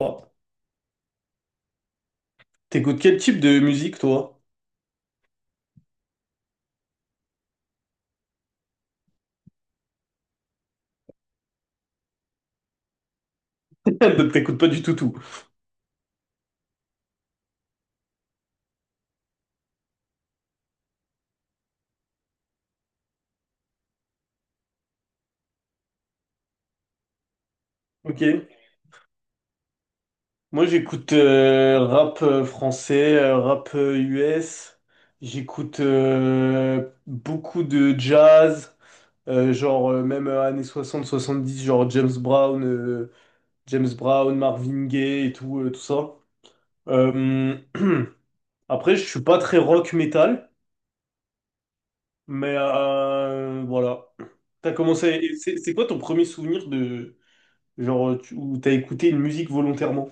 Oh, t'écoutes quel type de musique, toi? T'écoutes pas du tout tout. Ok. Moi, j'écoute rap français, rap US. J'écoute beaucoup de jazz, genre même années 60 70, genre James Brown, James Brown, Marvin Gaye et tout, tout ça. Euh, Après, je suis pas très rock metal, mais voilà. T'as commencé. C'est quoi ton premier souvenir de genre, tu, où t'as écouté une musique volontairement.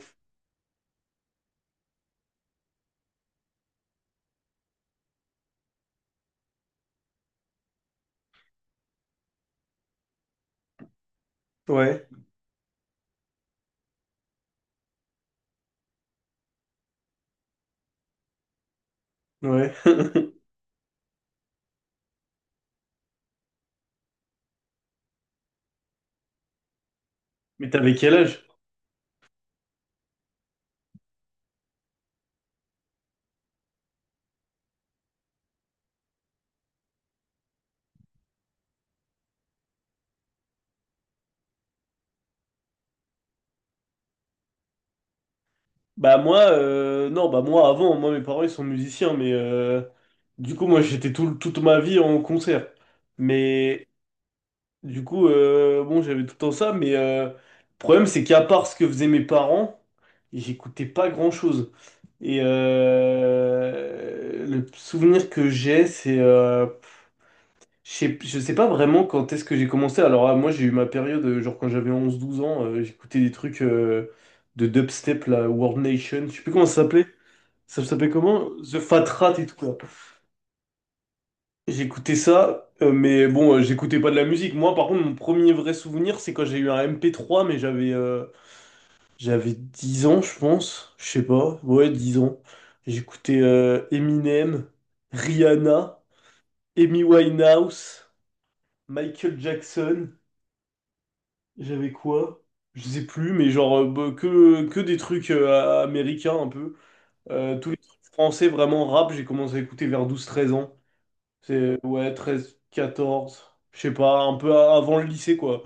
Ouais, ouais. Mais t'avais quel âge? Bah moi, non, bah moi avant, moi mes parents ils sont musiciens, mais du coup moi j'étais toute ma vie en concert. Mais du coup, bon j'avais tout le temps ça, mais le problème c'est qu'à part ce que faisaient mes parents, j'écoutais pas grand-chose. Et le souvenir que j'ai, c'est... je sais pas vraiment quand est-ce que j'ai commencé. Alors, ah, moi, j'ai eu ma période, genre quand j'avais 11 12 ans, j'écoutais des trucs de dubstep, la World Nation, je sais plus comment ça s'appelait. Ça s'appelait comment? The Fat Rat et tout, là. J'écoutais ça, mais bon, j'écoutais pas de la musique. Moi, par contre, mon premier vrai souvenir, c'est quand j'ai eu un MP3, mais j'avais 10 ans, je pense. Je sais pas. Ouais, 10 ans. J'écoutais Eminem, Rihanna, Amy Winehouse, Michael Jackson. J'avais quoi? Je sais plus, mais bah, que des trucs américains un peu. Tous les trucs français, vraiment rap, j'ai commencé à écouter vers 12 13 ans. C'est, ouais, 13 14 je sais pas, un peu avant le lycée, quoi.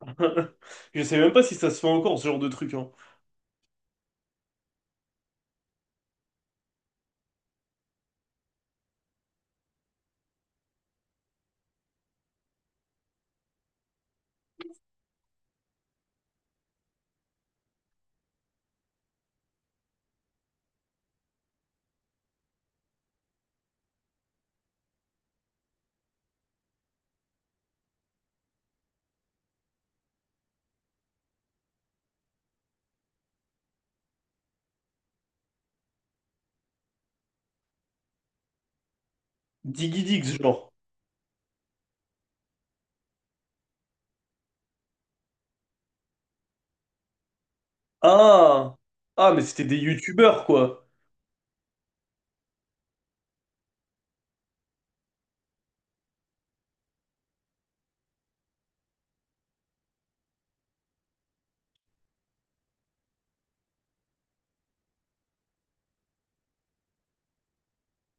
Je sais même pas si ça se fait encore, ce genre de truc, hein. Diggy Diggs, genre. Ah! Ah, mais c'était des youtubeurs, quoi.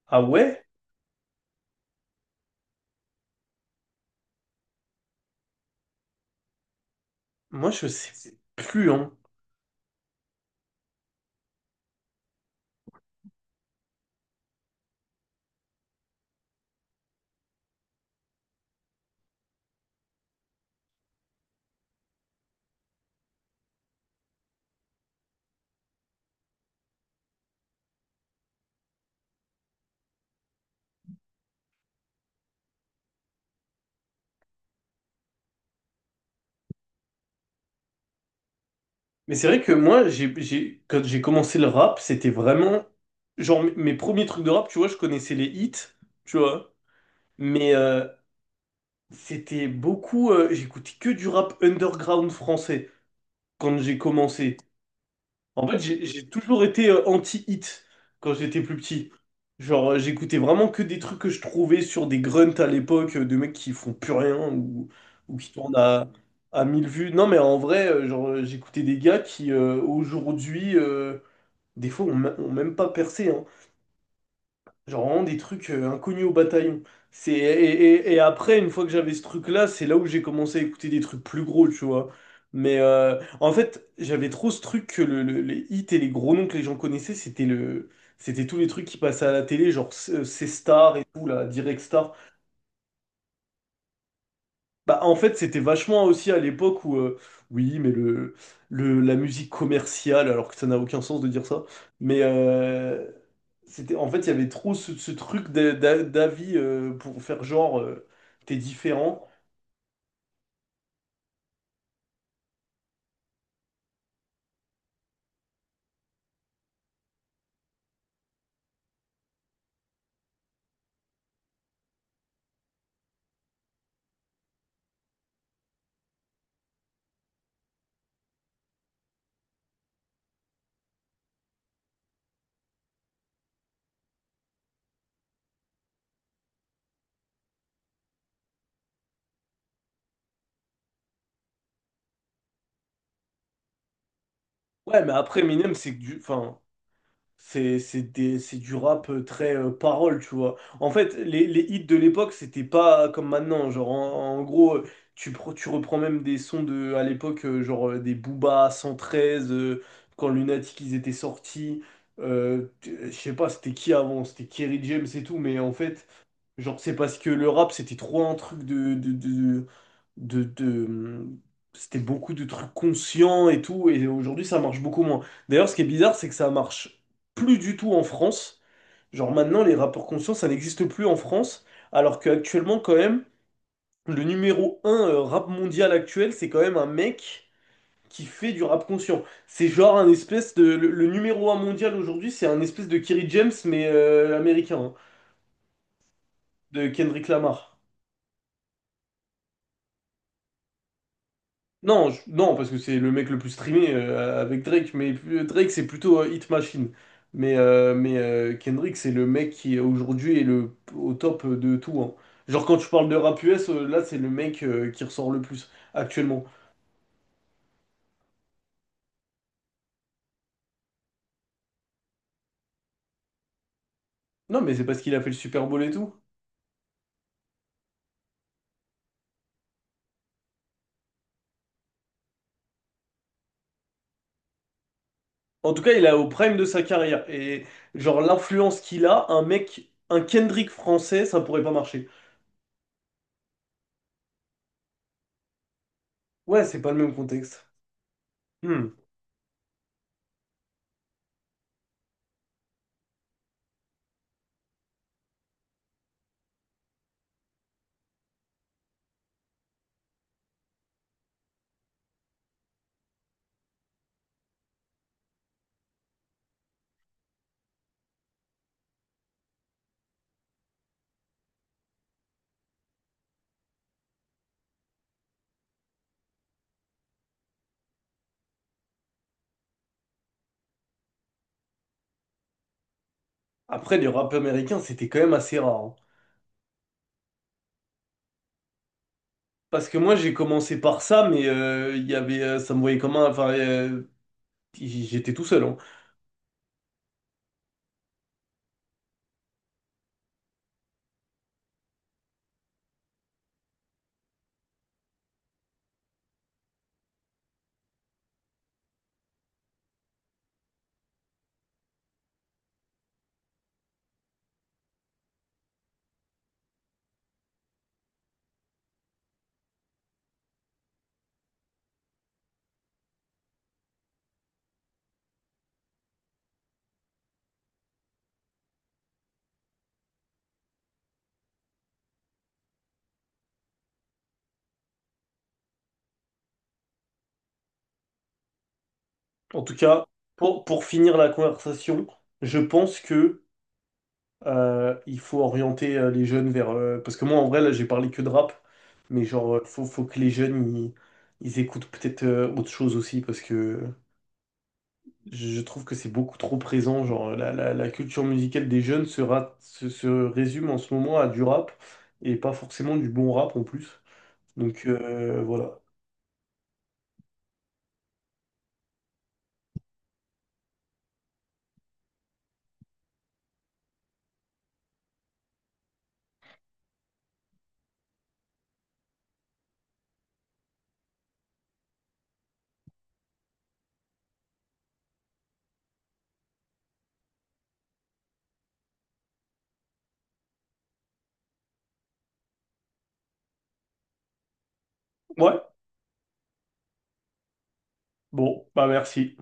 Ah ouais? Moi, je sais plus, hein. Mais c'est vrai que moi, j'ai, quand j'ai commencé le rap, c'était vraiment... Genre, mes premiers trucs de rap, tu vois, je connaissais les hits, tu vois. Mais c'était beaucoup... j'écoutais que du rap underground français quand j'ai commencé. En fait, j'ai toujours été anti-hit quand j'étais plus petit. Genre, j'écoutais vraiment que des trucs que je trouvais sur des grunts à l'époque, de mecs qui font plus rien ou, ou qui tournent à 1000 vues. Non, mais en vrai, genre, j'écoutais des gars qui, aujourd'hui... des fois, on n'a même pas percé, hein. Genre vraiment des trucs inconnus au bataillon. Et après, une fois que j'avais ce truc-là, c'est là où j'ai commencé à écouter des trucs plus gros, tu vois. Mais en fait, j'avais trop ce truc que les hits et les gros noms que les gens connaissaient, c'était tous les trucs qui passaient à la télé, genre C-Star et tout, là, Direct Star. Bah, en fait, c'était vachement aussi à l'époque où, oui, mais la musique commerciale, alors que ça n'a aucun sens de dire ça, mais c'était, en fait, il y avait trop ce truc d'avis pour faire genre, t'es différent. Ouais, mais après, Eminem, c'est que du, enfin, c'est du rap très parole, tu vois. En fait, les hits de l'époque, c'était pas comme maintenant. Genre, en gros, tu, tu reprends même des sons de, à l'époque, des Booba 113, quand Lunatic, ils étaient sortis. Je sais pas, c'était qui avant? C'était Kerry James et tout, mais en fait, genre, c'est parce que le rap, c'était trop un truc de c'était beaucoup de trucs conscients et tout, et aujourd'hui, ça marche beaucoup moins. D'ailleurs, ce qui est bizarre, c'est que ça marche plus du tout en France. Genre, maintenant, les rappeurs conscients, ça n'existe plus en France, alors qu'actuellement, quand même, le numéro un rap mondial actuel, c'est quand même un mec qui fait du rap conscient. C'est genre un espèce de... le numéro un mondial aujourd'hui, c'est un espèce de Kerry James, mais américain, hein, de Kendrick Lamar. Non, parce que c'est le mec le plus streamé avec Drake, mais Drake c'est plutôt Hit Machine. Mais Kendrick c'est le mec qui aujourd'hui est le, au top de tout, hein. Genre quand tu parles de rap US, là c'est le mec qui ressort le plus actuellement. Non, mais c'est parce qu'il a fait le Super Bowl et tout. En tout cas, il est au prime de sa carrière. Et genre l'influence qu'il a, un mec, un Kendrick français, ça pourrait pas marcher. Ouais, c'est pas le même contexte. Hmm. Après, les rap américains, c'était quand même assez rare, hein. Parce que moi j'ai commencé par ça, mais il y avait, ça me voyait comme un, enfin, j'étais tout seul, hein. En tout cas, pour finir la conversation, je pense que il faut orienter les jeunes vers, parce que moi en vrai là j'ai parlé que de rap, mais faut, faut que les jeunes ils écoutent peut-être autre chose aussi, parce que je trouve que c'est beaucoup trop présent. Genre la culture musicale des jeunes se, ra- se se résume en ce moment à du rap et pas forcément du bon rap en plus. Donc voilà. Ouais, bon, bah merci.